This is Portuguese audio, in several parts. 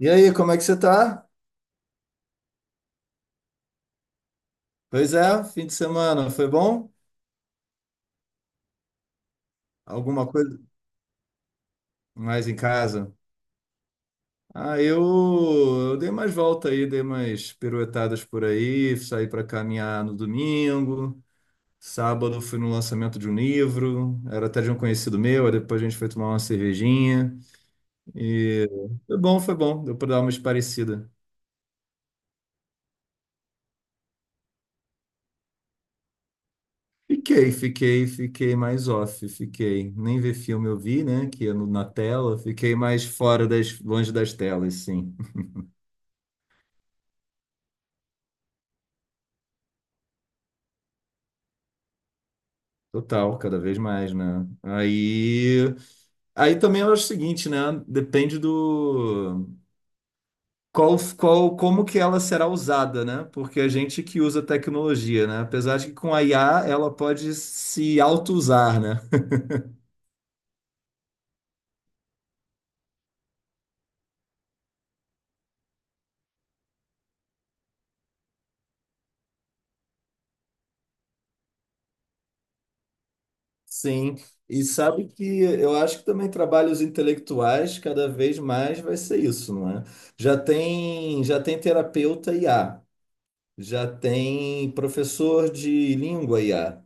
E aí, como é que você tá? Pois é, fim de semana, foi bom? Alguma coisa mais em casa? Ah, eu dei mais volta aí, dei mais piruetadas por aí, saí para caminhar no domingo, sábado fui no lançamento de um livro, era até de um conhecido meu, aí depois a gente foi tomar uma cervejinha e foi bom, deu para dar uma esparecida. Fiquei mais off, fiquei. Nem ver filme eu vi, né? Que é na tela, fiquei mais longe das telas, sim. Total, cada vez mais, né? Aí também eu acho o seguinte, né? Depende como que ela será usada, né? Porque a gente que usa tecnologia, né? Apesar de que com a IA ela pode se auto-usar, né? Sim. E sabe que eu acho que também trabalhos intelectuais cada vez mais vai ser isso, não é? Já tem terapeuta IA, já tem professor de língua IA.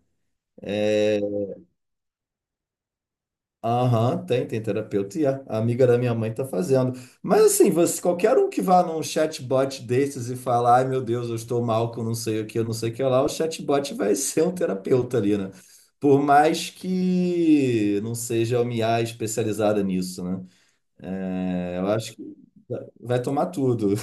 Aham, tem terapeuta e a amiga da minha mãe tá fazendo. Mas assim, você, qualquer um que vá num chatbot desses e falar, ai meu Deus, eu estou mal que eu não sei o que, eu não sei o que lá, o chatbot vai ser um terapeuta ali, né? Por mais que não seja uma IA especializada nisso, né? É, eu acho que vai tomar tudo.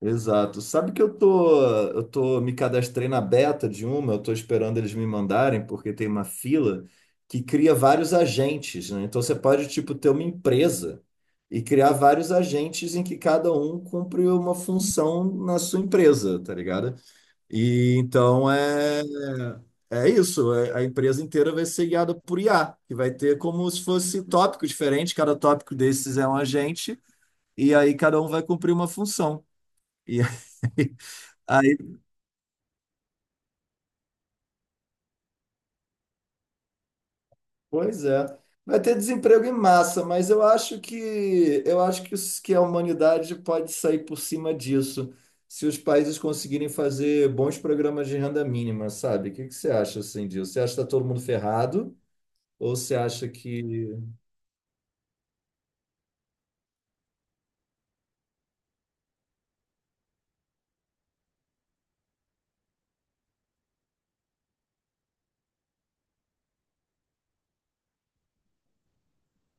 Exato. Sabe que eu tô me cadastrei na beta de uma, eu tô esperando eles me mandarem, porque tem uma fila que cria vários agentes, né? Então você pode, tipo, ter uma empresa e criar vários agentes em que cada um cumpre uma função na sua empresa, tá ligado? E então é, é isso, a empresa inteira vai ser guiada por IA, que vai ter como se fosse tópico diferente, cada tópico desses é um agente, e aí cada um vai cumprir uma função. e Aí, Pois é. Vai ter desemprego em massa, mas eu acho que que a humanidade pode sair por cima disso, se os países conseguirem fazer bons programas de renda mínima, sabe? O que que você acha assim disso? Você acha que está todo mundo ferrado? Ou você acha que.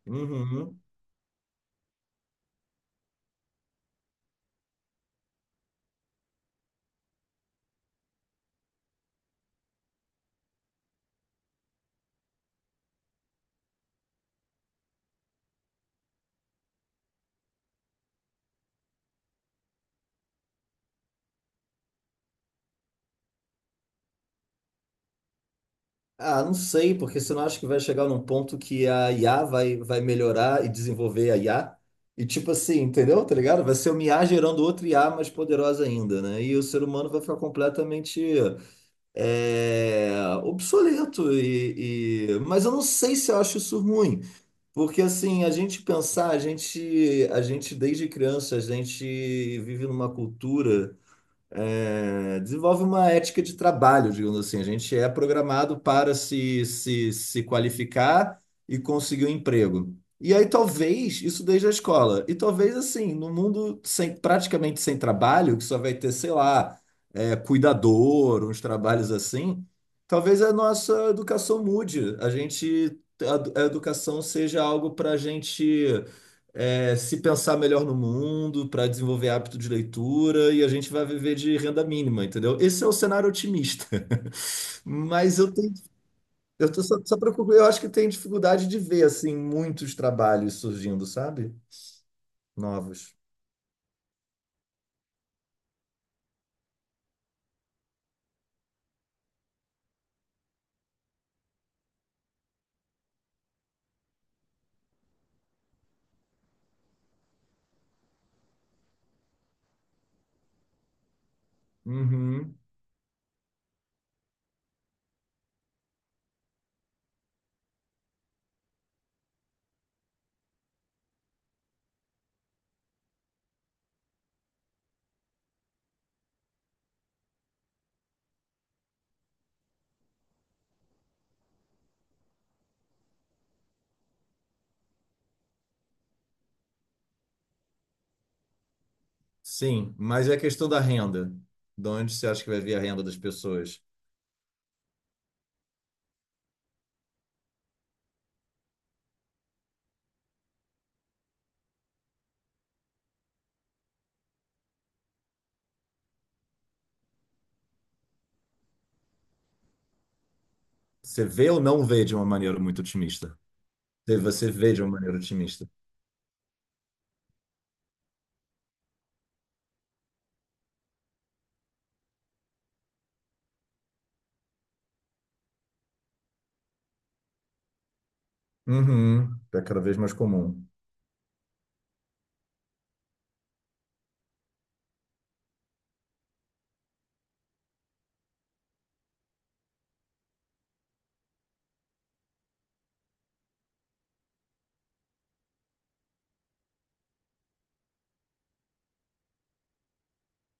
Uhum. Ah, não sei, porque você não acha que vai chegar num ponto que a IA vai melhorar e desenvolver a IA? E tipo assim, entendeu? Tá ligado? Vai ser uma IA gerando outra IA mais poderosa ainda, né? E o ser humano vai ficar completamente é, obsoleto mas eu não sei se eu acho isso ruim, porque assim, a gente pensar, a gente desde criança, a gente vive numa cultura desenvolve uma ética de trabalho, digamos assim. A gente é programado para se qualificar e conseguir um emprego. E aí, talvez, isso desde a escola. E talvez, assim, no mundo sem, praticamente sem trabalho, que só vai ter, sei lá, cuidador, uns trabalhos assim, talvez a nossa educação mude. A educação seja algo para a gente se pensar melhor no mundo, para desenvolver hábito de leitura e a gente vai viver de renda mínima, entendeu? Esse é o cenário otimista. Mas eu tô só, eu acho que tem dificuldade de ver assim muitos trabalhos surgindo, sabe? Novos. Uhum. Sim, mas é a questão da renda. De onde você acha que vai vir a renda das pessoas? Você vê ou não vê de uma maneira muito otimista? Se Você vê de uma maneira otimista. Uhum. É cada vez mais comum.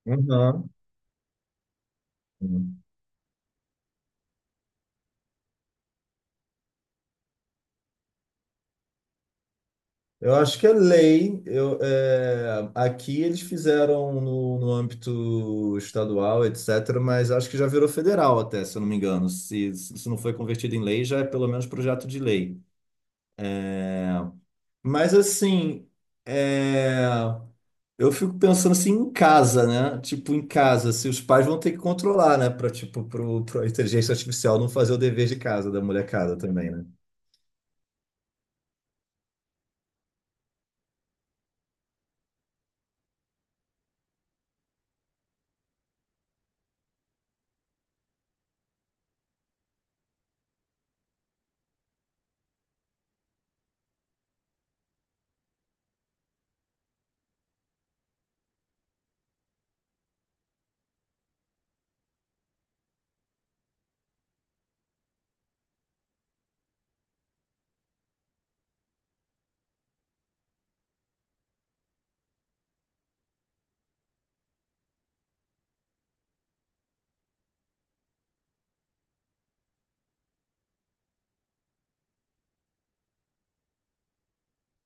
Uhum. Eu acho que é lei. Aqui eles fizeram no âmbito estadual, etc., mas acho que já virou federal até, se eu não me engano. Se não foi convertido em lei, já é pelo menos projeto de lei. É, mas assim, é, eu fico pensando assim em casa, né? Tipo, em casa, se os pais vão ter que controlar, né? Para tipo, pro inteligência artificial não fazer o dever de casa da molecada também, né?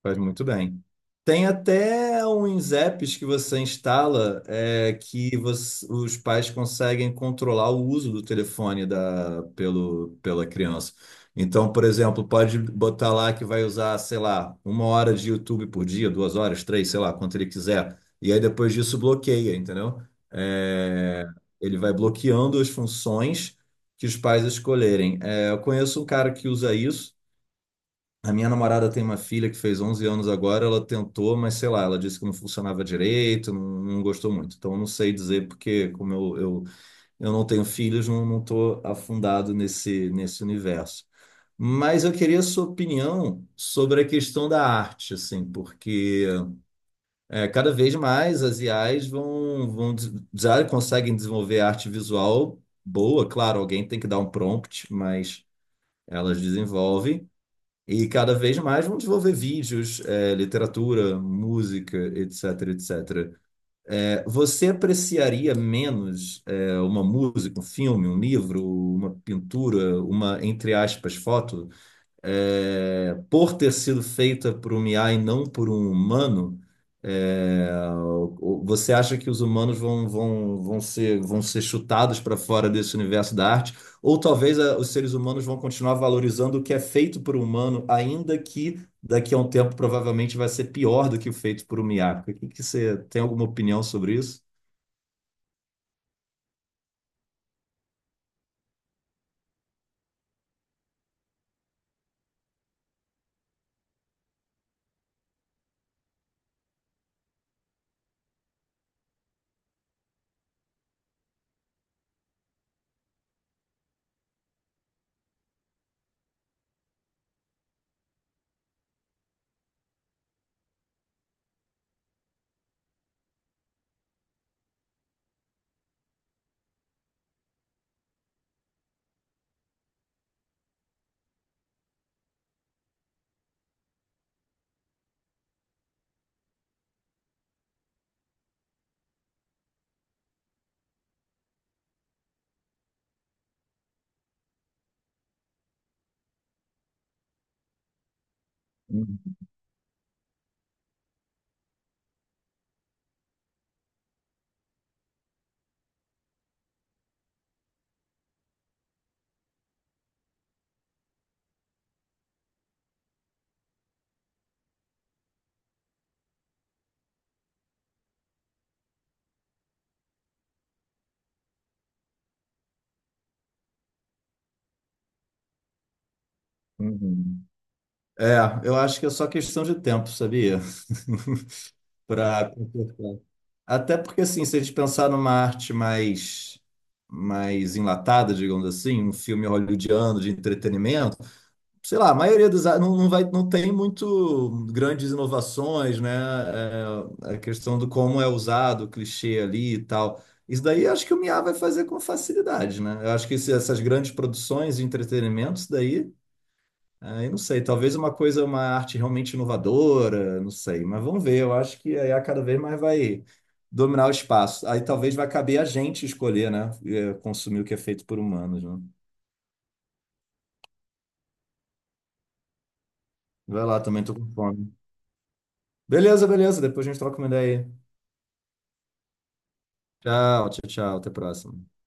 Faz muito bem. Tem até uns apps que você instala os pais conseguem controlar o uso do telefone pela criança. Então, por exemplo, pode botar lá que vai usar, sei lá, uma hora de YouTube por dia, 2 horas, três, sei lá, quanto ele quiser. E aí depois disso bloqueia, entendeu? É, ele vai bloqueando as funções que os pais escolherem. É, eu conheço um cara que usa isso. A minha namorada tem uma filha que fez 11 anos agora, ela tentou, mas sei lá, ela disse que não funcionava direito, não, não gostou muito. Então, eu não sei dizer, porque como eu não tenho filhos, não, não tô afundado nesse universo. Mas eu queria a sua opinião sobre a questão da arte, assim, porque cada vez mais as IAs já conseguem desenvolver arte visual boa, claro, alguém tem que dar um prompt, mas elas desenvolvem. E cada vez mais vão desenvolver vídeos, literatura, música, etc, etc. Você apreciaria menos, uma música, um filme, um livro, uma pintura, uma, entre aspas, foto, por ter sido feita por um IA e não por um humano, é, você acha que os humanos vão ser chutados para fora desse universo da arte? Ou talvez os seres humanos vão continuar valorizando o que é feito por um humano, ainda que daqui a um tempo provavelmente vai ser pior do que o feito por um IA? O que que você tem alguma opinião sobre isso? Uhum, uhum. É, eu acho que é só questão de tempo, sabia? Para Até porque, assim, se a gente pensar numa arte mais enlatada, digamos assim, um filme hollywoodiano de entretenimento, sei lá, a maioria não, não vai, não tem muito grandes inovações, né? É, a questão do como é usado, o clichê ali e tal. Isso daí eu acho que o Miyagi vai fazer com facilidade, né? Eu acho que essas grandes produções de entretenimento, isso daí. Ah, eu não sei, talvez uma coisa, uma arte realmente inovadora, não sei, mas vamos ver. Eu acho que a IA cada vez mais vai dominar o espaço. Aí talvez vai caber a gente escolher, né? Consumir o que é feito por humanos, né? Vai lá, também tô com fome. Beleza, beleza, depois a gente troca uma ideia aí. Tchau, tchau, tchau, até a próxima.